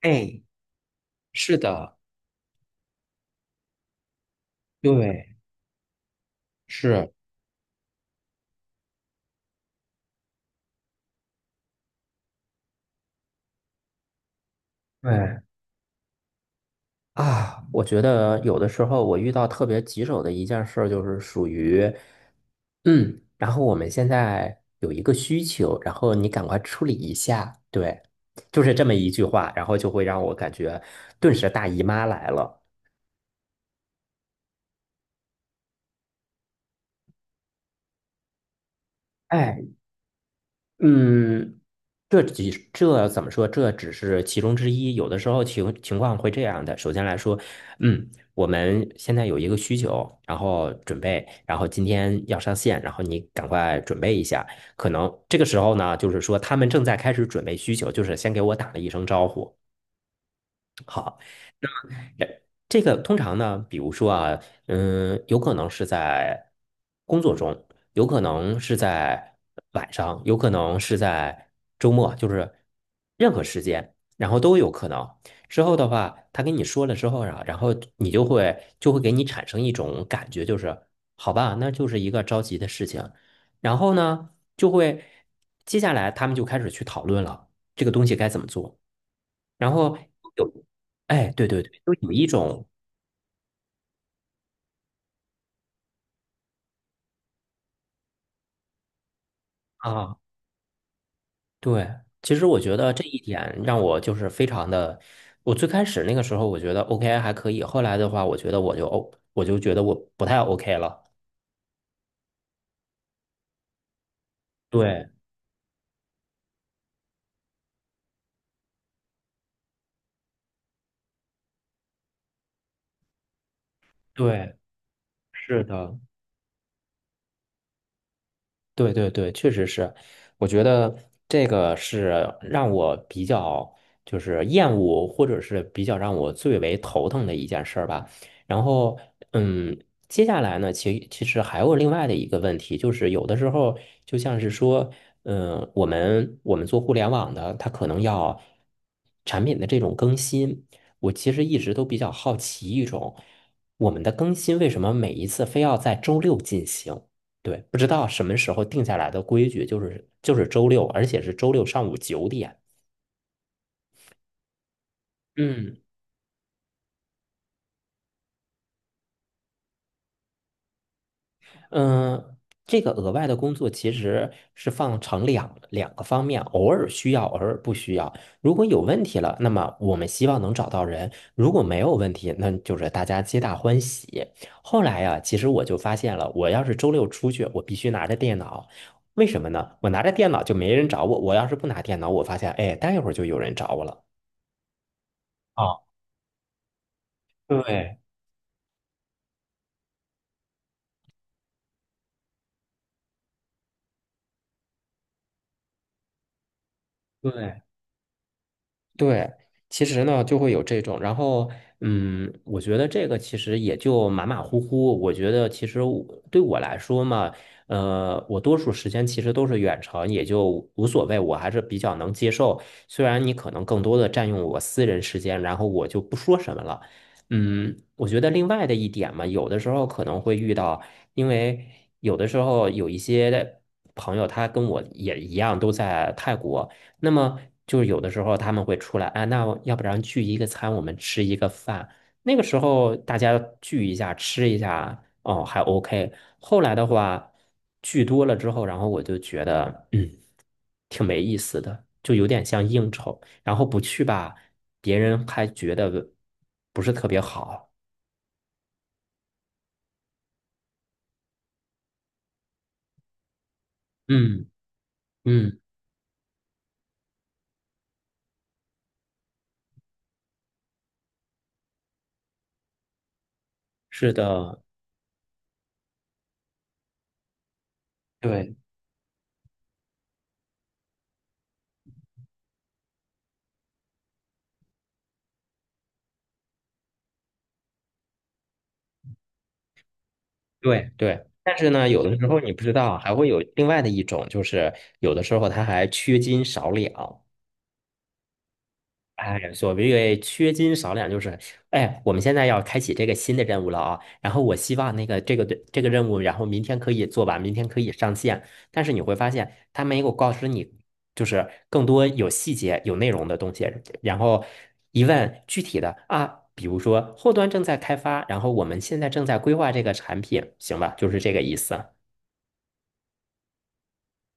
哎，是的，对，是，对，啊，我觉得有的时候我遇到特别棘手的一件事儿，就是属于，然后我们现在有一个需求，然后你赶快处理一下，对，就是这么一句话，然后就会让我感觉顿时大姨妈来了。哎，嗯，这怎么说？这只是其中之一。有的时候情况会这样的。首先来说，我们现在有一个需求，然后准备，然后今天要上线，然后你赶快准备一下。可能这个时候呢，就是说他们正在开始准备需求，就是先给我打了一声招呼。这个通常呢，比如说啊，有可能是在工作中，有可能是在晚上，有可能是在周末，就是任何时间，然后都有可能。之后的话，他跟你说了之后啊，然后你就会给你产生一种感觉，就是好吧，那就是一个着急的事情。然后呢，就会接下来他们就开始去讨论了，这个东西该怎么做。然后有，哎，对对对，就有一种啊，对，其实我觉得这一点让我就是非常的，我最开始那个时候我觉得 OK 还可以，后来的话我觉得我就 O，我就觉得我不太 OK 了。对对，是的，对对对，确实是，我觉得这个是让我比较就是厌恶，或者是比较让我最为头疼的一件事儿吧。然后，嗯，接下来呢，其实还有另外的一个问题，就是有的时候就像是说，我们做互联网的，它可能要产品的这种更新，我其实一直都比较好奇一种，我们的更新为什么每一次非要在周六进行？对，不知道什么时候定下来的规矩，就是周六，而且是周六上午9点。嗯嗯，这个额外的工作其实是放成两个方面，偶尔需要，偶尔不需要。如果有问题了，那么我们希望能找到人；如果没有问题，那就是大家皆大欢喜。后来呀，其实我就发现了，我要是周六出去，我必须拿着电脑。为什么呢？我拿着电脑就没人找我，我要是不拿电脑，我发现，哎，待一会儿就有人找我了。啊，对对对，其实呢就会有这种，然后我觉得这个其实也就马马虎虎。我觉得其实我对我来说嘛，我多数时间其实都是远程，也就无所谓，我还是比较能接受。虽然你可能更多的占用我私人时间，然后我就不说什么了。我觉得另外的一点嘛，有的时候可能会遇到，因为有的时候有一些朋友他跟我也一样都在泰国。那么就是有的时候他们会出来，啊，那要不然聚一个餐，我们吃一个饭。那个时候大家聚一下，吃一下，哦，还 OK。后来的话，聚多了之后，然后我就觉得，挺没意思的，就有点像应酬。然后不去吧，别人还觉得不是特别好。嗯嗯，是的，对对对。但是呢，有的时候你不知道，还会有另外的一种，就是有的时候他还缺斤少两。哎，所谓缺斤少两，就是哎，我们现在要开启这个新的任务了啊。然后我希望那个这个对这个任务，然后明天可以做完，明天可以上线。但是你会发现，他没有告知你，就是更多有细节、有内容的东西。然后一问具体的啊，比如说后端正在开发，然后我们现在正在规划这个产品，行吧？就是这个意思。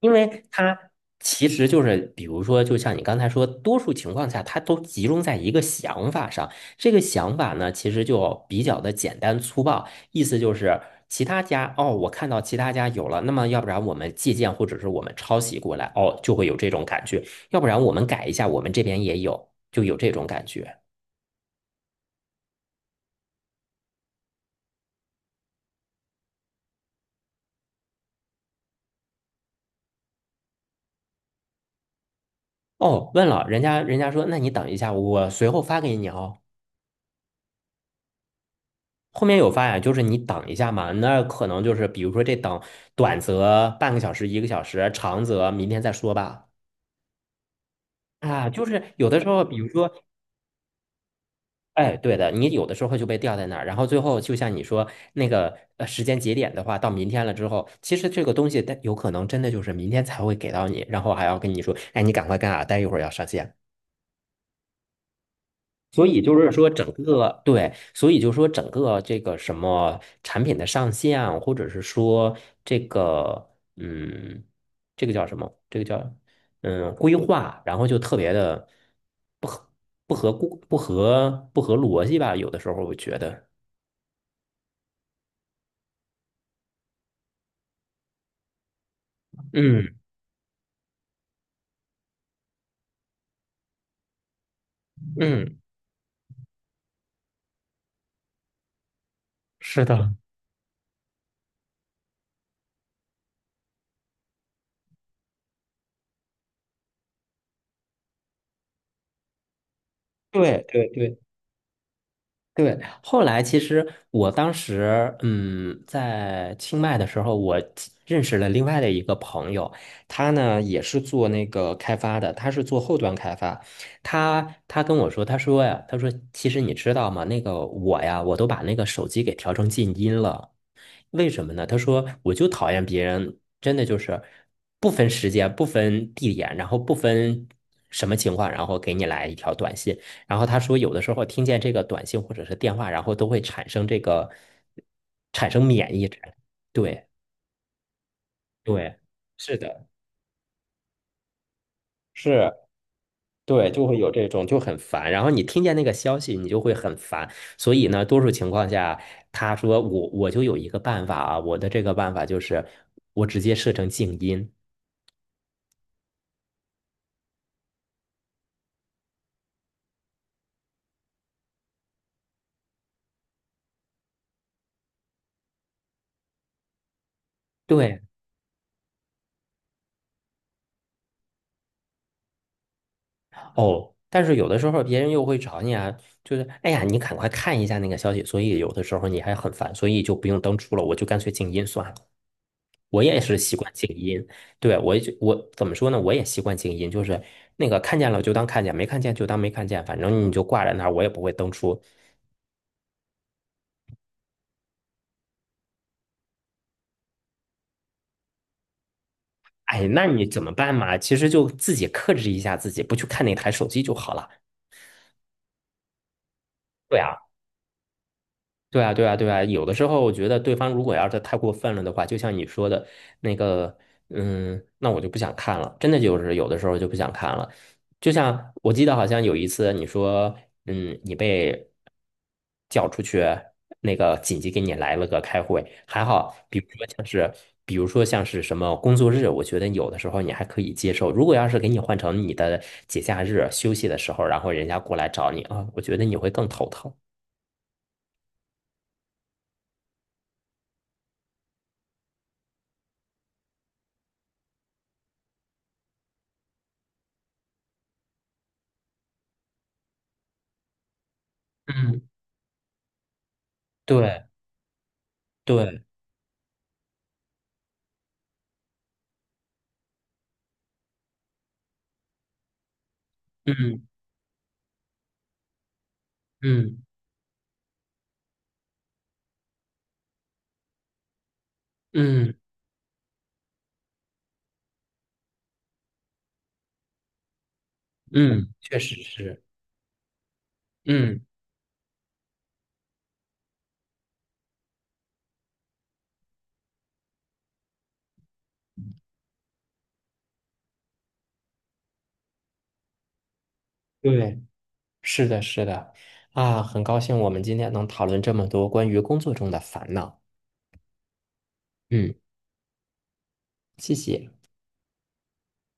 因为它其实就是，比如说，就像你刚才说，多数情况下，它都集中在一个想法上。这个想法呢，其实就比较的简单粗暴，意思就是其他家哦，我看到其他家有了，那么要不然我们借鉴或者是我们抄袭过来，哦，就会有这种感觉；要不然我们改一下，我们这边也有，就有这种感觉。哦，问了人家，人家说，那你等一下，我随后发给你哦。后面有发呀，就是你等一下嘛，那可能就是比如说这等短则半个小时、一个小时，长则明天再说吧。啊，就是有的时候，比如说，哎，对的，你有的时候就被吊在那儿，然后最后就像你说那个时间节点的话，到明天了之后，其实这个东西它有可能真的就是明天才会给到你，然后还要跟你说，哎，你赶快干啊，待一会儿要上线。所以就是说，整个对，所以就是说，整个这个什么产品的上线，或者是说这个嗯，这个叫什么？这个叫规划，然后就特别的不合不合顾不合不合逻辑吧？有的时候我觉得，嗯嗯，是的。对对对对，后来其实我当时，在清迈的时候，我其认识了另外的一个朋友，他呢也是做那个开发的，他是做后端开发。他跟我说，他说呀，他说其实你知道吗？那个我呀，我都把那个手机给调成静音了。为什么呢？他说我就讨厌别人，真的就是不分时间、不分地点，然后不分什么情况，然后给你来一条短信。然后他说，有的时候听见这个短信或者是电话，然后都会产生这个产生免疫症对对，是的，是。对，就会有这种就很烦，然后你听见那个消息，你就会很烦。所以呢，多数情况下，他说我就有一个办法啊，我的这个办法就是我直接设成静音。对，哦，但是有的时候别人又会找你啊，就是哎呀，你赶快看一下那个消息，所以有的时候你还很烦，所以就不用登出了，我就干脆静音算了。我也是习惯静音，对，我也就我怎么说呢？我也习惯静音，就是那个看见了就当看见，没看见就当没看见，反正你就挂在那儿，我也不会登出。哎，那你怎么办嘛？其实就自己克制一下自己，不去看那台手机就好了。对啊。对啊，对啊，对啊，有的时候我觉得对方如果要是太过分了的话，就像你说的那个，那我就不想看了，真的就是有的时候就不想看了。就像我记得好像有一次你说，你被叫出去，那个紧急给你来了个开会，还好，比如说像是，比如说像是什么工作日，我觉得有的时候你还可以接受。如果要是给你换成你的节假日休息的时候，然后人家过来找你啊，我觉得你会更头疼。嗯，对。对，嗯嗯嗯嗯，确实是，嗯，对，是的，是的，啊，很高兴我们今天能讨论这么多关于工作中的烦恼，嗯，谢谢。